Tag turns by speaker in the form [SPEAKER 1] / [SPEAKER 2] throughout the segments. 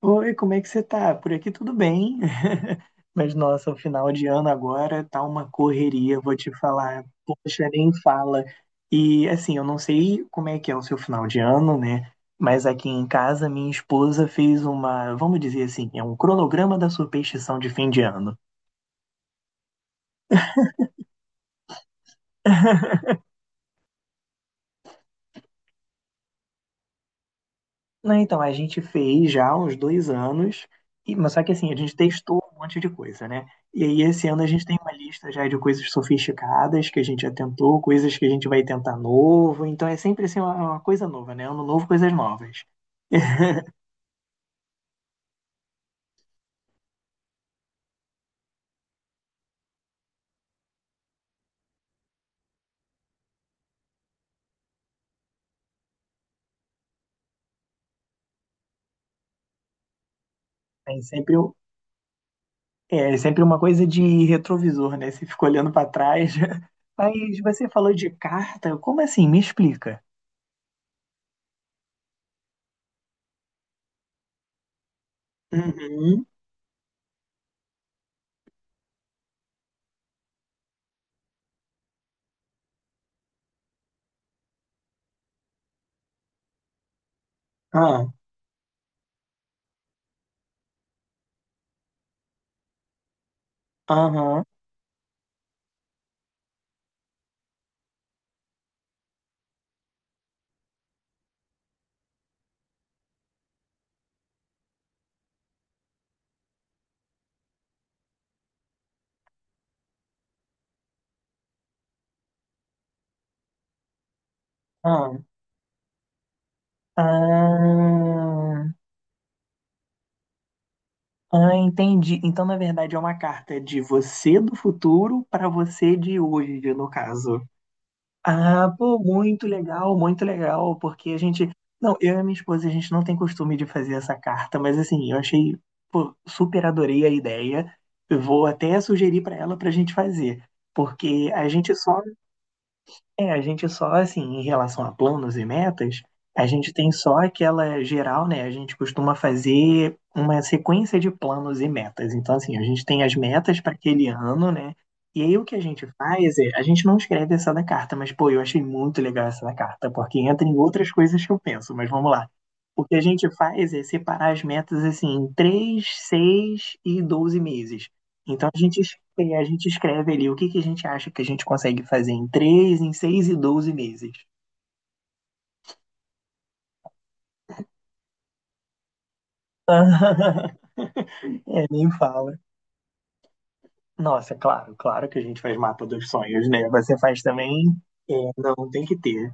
[SPEAKER 1] Oi, como é que você tá? Por aqui tudo bem. Mas nossa, o final de ano agora tá uma correria, vou te falar. Poxa, nem fala. E assim, eu não sei como é que é o seu final de ano, né? Mas aqui em casa minha esposa fez uma, vamos dizer assim, é um cronograma da superstição de fim de ano. Não, então, a gente fez já há uns 2 anos, mas só que assim, a gente testou um monte de coisa, né? E aí esse ano a gente tem uma lista já de coisas sofisticadas que a gente já tentou, coisas que a gente vai tentar novo, então é sempre assim uma coisa nova, né? Ano novo, coisas novas. É sempre, é sempre uma coisa de retrovisor, né? Você fica olhando para trás. Mas você falou de carta, como assim? Me explica. Uhum. Ah, aham, ah, ah. Ah, entendi. Então, na verdade, é uma carta de você do futuro para você de hoje, no caso. Ah, pô, muito legal, porque a gente. Não, eu e minha esposa, a gente não tem costume de fazer essa carta, mas assim, eu achei, pô, super adorei a ideia. Eu vou até sugerir para ela para a gente fazer, porque a gente só, assim, em relação a planos e metas, a gente tem só aquela geral, né? A gente costuma fazer uma sequência de planos e metas. Então, assim, a gente tem as metas para aquele ano, né? E aí o que a gente faz é, a gente não escreve essa da carta, mas, pô, eu achei muito legal essa da carta, porque entra em outras coisas que eu penso, mas vamos lá. O que a gente faz é separar as metas, assim, em 3, 6 e 12 meses. Então, a gente E a gente escreve ali o que, que a gente acha que a gente consegue fazer em três em seis e 12 meses. É, nem fala. Nossa, claro, claro que a gente faz mapa dos sonhos, né? Você faz também? É, não, tem que ter.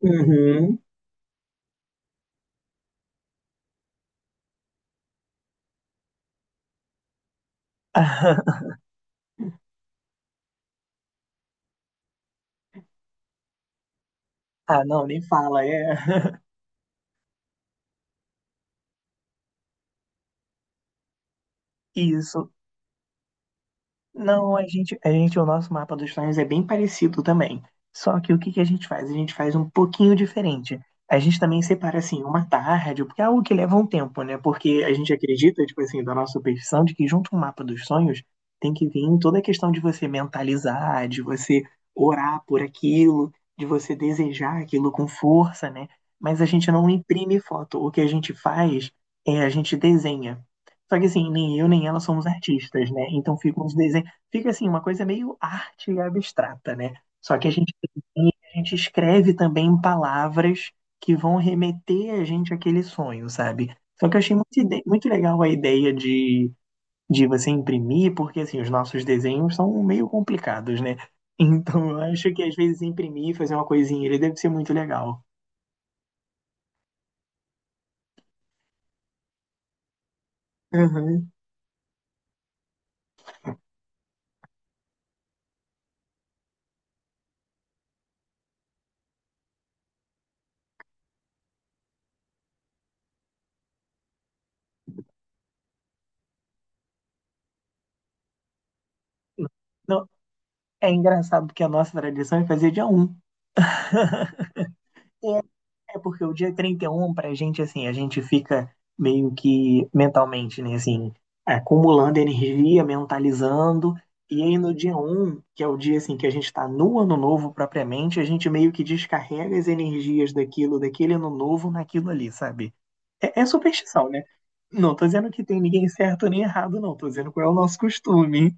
[SPEAKER 1] Uhum. Ah, não, nem fala, é. Isso. Não, o nosso mapa dos sonhos é bem parecido também. Só que o que que a gente faz? A gente faz um pouquinho diferente. A gente também separa assim uma tarde, porque é algo que leva um tempo, né? Porque a gente acredita, tipo assim, da nossa superstição de que junto com o mapa dos sonhos tem que vir toda a questão de você mentalizar, de você orar por aquilo, de você desejar aquilo com força, né? Mas a gente não imprime foto. O que a gente faz é a gente desenha. Só que assim, nem eu nem ela somos artistas, né? Então ficam os desenhos fica assim, uma coisa meio arte abstrata, né? Só que a gente escreve também em palavras que vão remeter a gente àquele sonho, sabe? Só que eu achei muito, muito legal a ideia de você imprimir, porque assim, os nossos desenhos são meio complicados, né? Então eu acho que às vezes imprimir, fazer uma coisinha, ele deve ser muito legal. Uhum. Não, é engraçado porque a nossa tradição é fazer dia um. É porque o dia 31, pra gente, assim, a gente fica meio que mentalmente, né, assim, acumulando energia, mentalizando. E aí no dia um que é o dia, assim, que a gente tá no ano novo propriamente, a gente meio que descarrega as energias daquilo, daquele ano novo naquilo ali, sabe? É, é superstição, né? Não tô dizendo que tem ninguém certo nem errado, não. Tô dizendo qual é o nosso costume.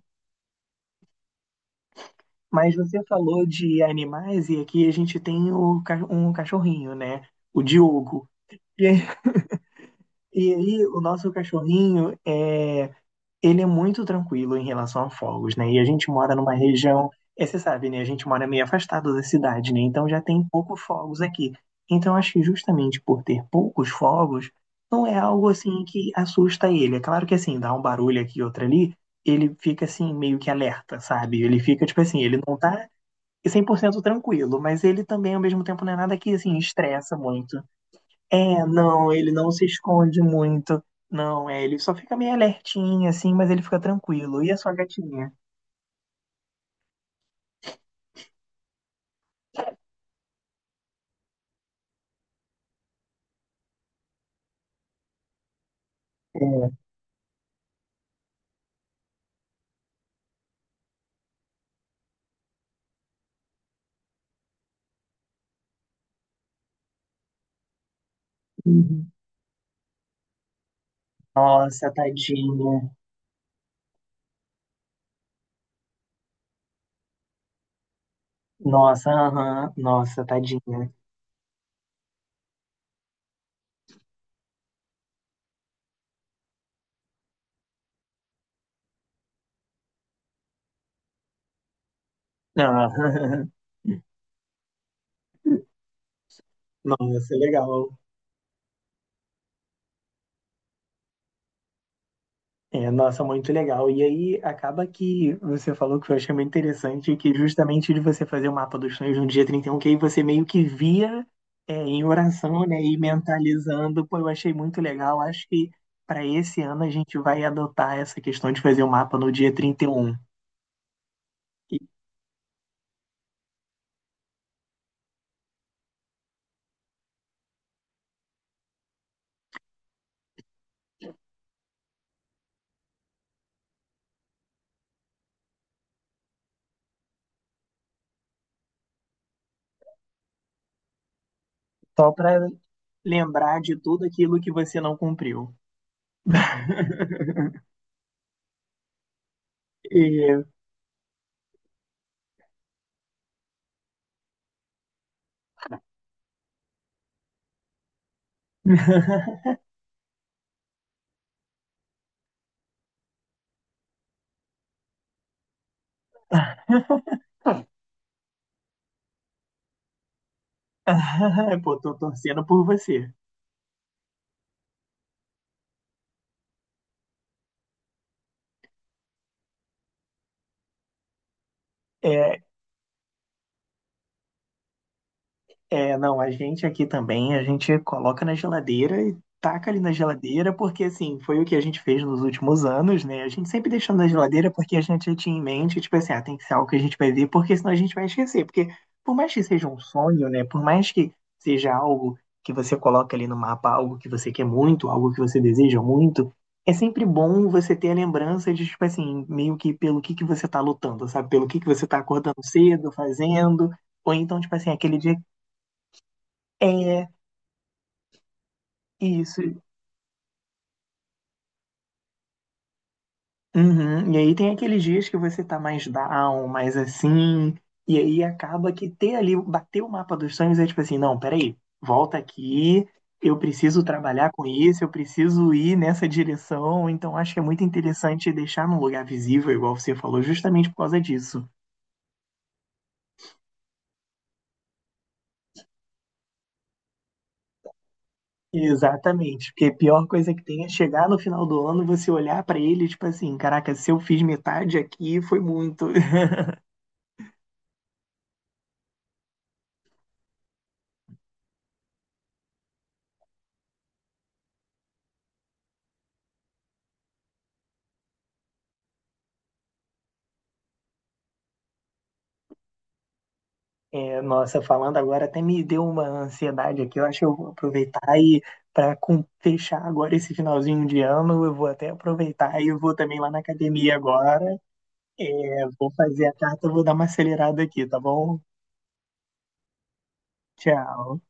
[SPEAKER 1] Mas você falou de animais e aqui a gente tem um cachorrinho, né? O Diogo. E E aí, o nosso cachorrinho, é, ele é muito tranquilo em relação a fogos, né? E a gente mora numa região, é, você sabe, né? A gente mora meio afastado da cidade, né? Então já tem poucos fogos aqui. Então acho que justamente por ter poucos fogos, não é algo assim que assusta ele. É claro que assim, dá um barulho aqui e outro ali, ele fica assim meio que alerta, sabe? Ele fica tipo assim, ele não tá 100% tranquilo, mas ele também ao mesmo tempo não é nada que assim estressa muito. É, não, ele não se esconde muito. Não, é, ele só fica meio alertinho, assim, mas ele fica tranquilo. E a sua gatinha? Uhum. Nossa, tadinha. Nossa, aham. Nossa, tadinha. Ah, Nossa, legal. É, nossa, muito legal. E aí acaba que você falou que eu achei muito interessante que justamente de você fazer o mapa dos sonhos no dia 31 que aí você meio que via é, em oração, né, e mentalizando. Pô, eu achei muito legal. Acho que para esse ano a gente vai adotar essa questão de fazer o mapa no dia 31. E um, e Só para lembrar de tudo aquilo que você não cumpriu. E... Pô, tô torcendo por você. É, É, não, a gente aqui também, a gente coloca na geladeira e taca ali na geladeira, porque assim, foi o que a gente fez nos últimos anos, né? A gente sempre deixou na geladeira porque a gente tinha em mente, tipo assim, ah, tem que ser algo que a gente vai ver, porque senão a gente vai esquecer. Porque por mais que seja um sonho, né? Por mais que seja algo que você coloca ali no mapa, algo que você quer muito, algo que você deseja muito, é sempre bom você ter a lembrança de, tipo assim, meio que pelo que você tá lutando, sabe? Pelo que você tá acordando cedo, fazendo. Ou então, tipo assim, aquele dia é, isso. Uhum. E aí tem aqueles dias que você tá mais down, mais assim, e aí acaba que ter ali, bater o mapa dos sonhos é tipo assim, não, peraí, volta aqui, eu preciso trabalhar com isso, eu preciso ir nessa direção, então acho que é muito interessante deixar num lugar visível, igual você falou, justamente por causa disso. Exatamente, porque a pior coisa que tem é chegar no final do ano, você olhar pra ele, tipo assim, caraca, se eu fiz metade aqui, foi muito. É, nossa, falando agora até me deu uma ansiedade aqui. Eu acho que eu vou aproveitar e para fechar agora esse finalzinho de ano, eu vou até aproveitar e eu vou também lá na academia agora. É, vou fazer a carta, vou dar uma acelerada aqui, tá bom? Tchau.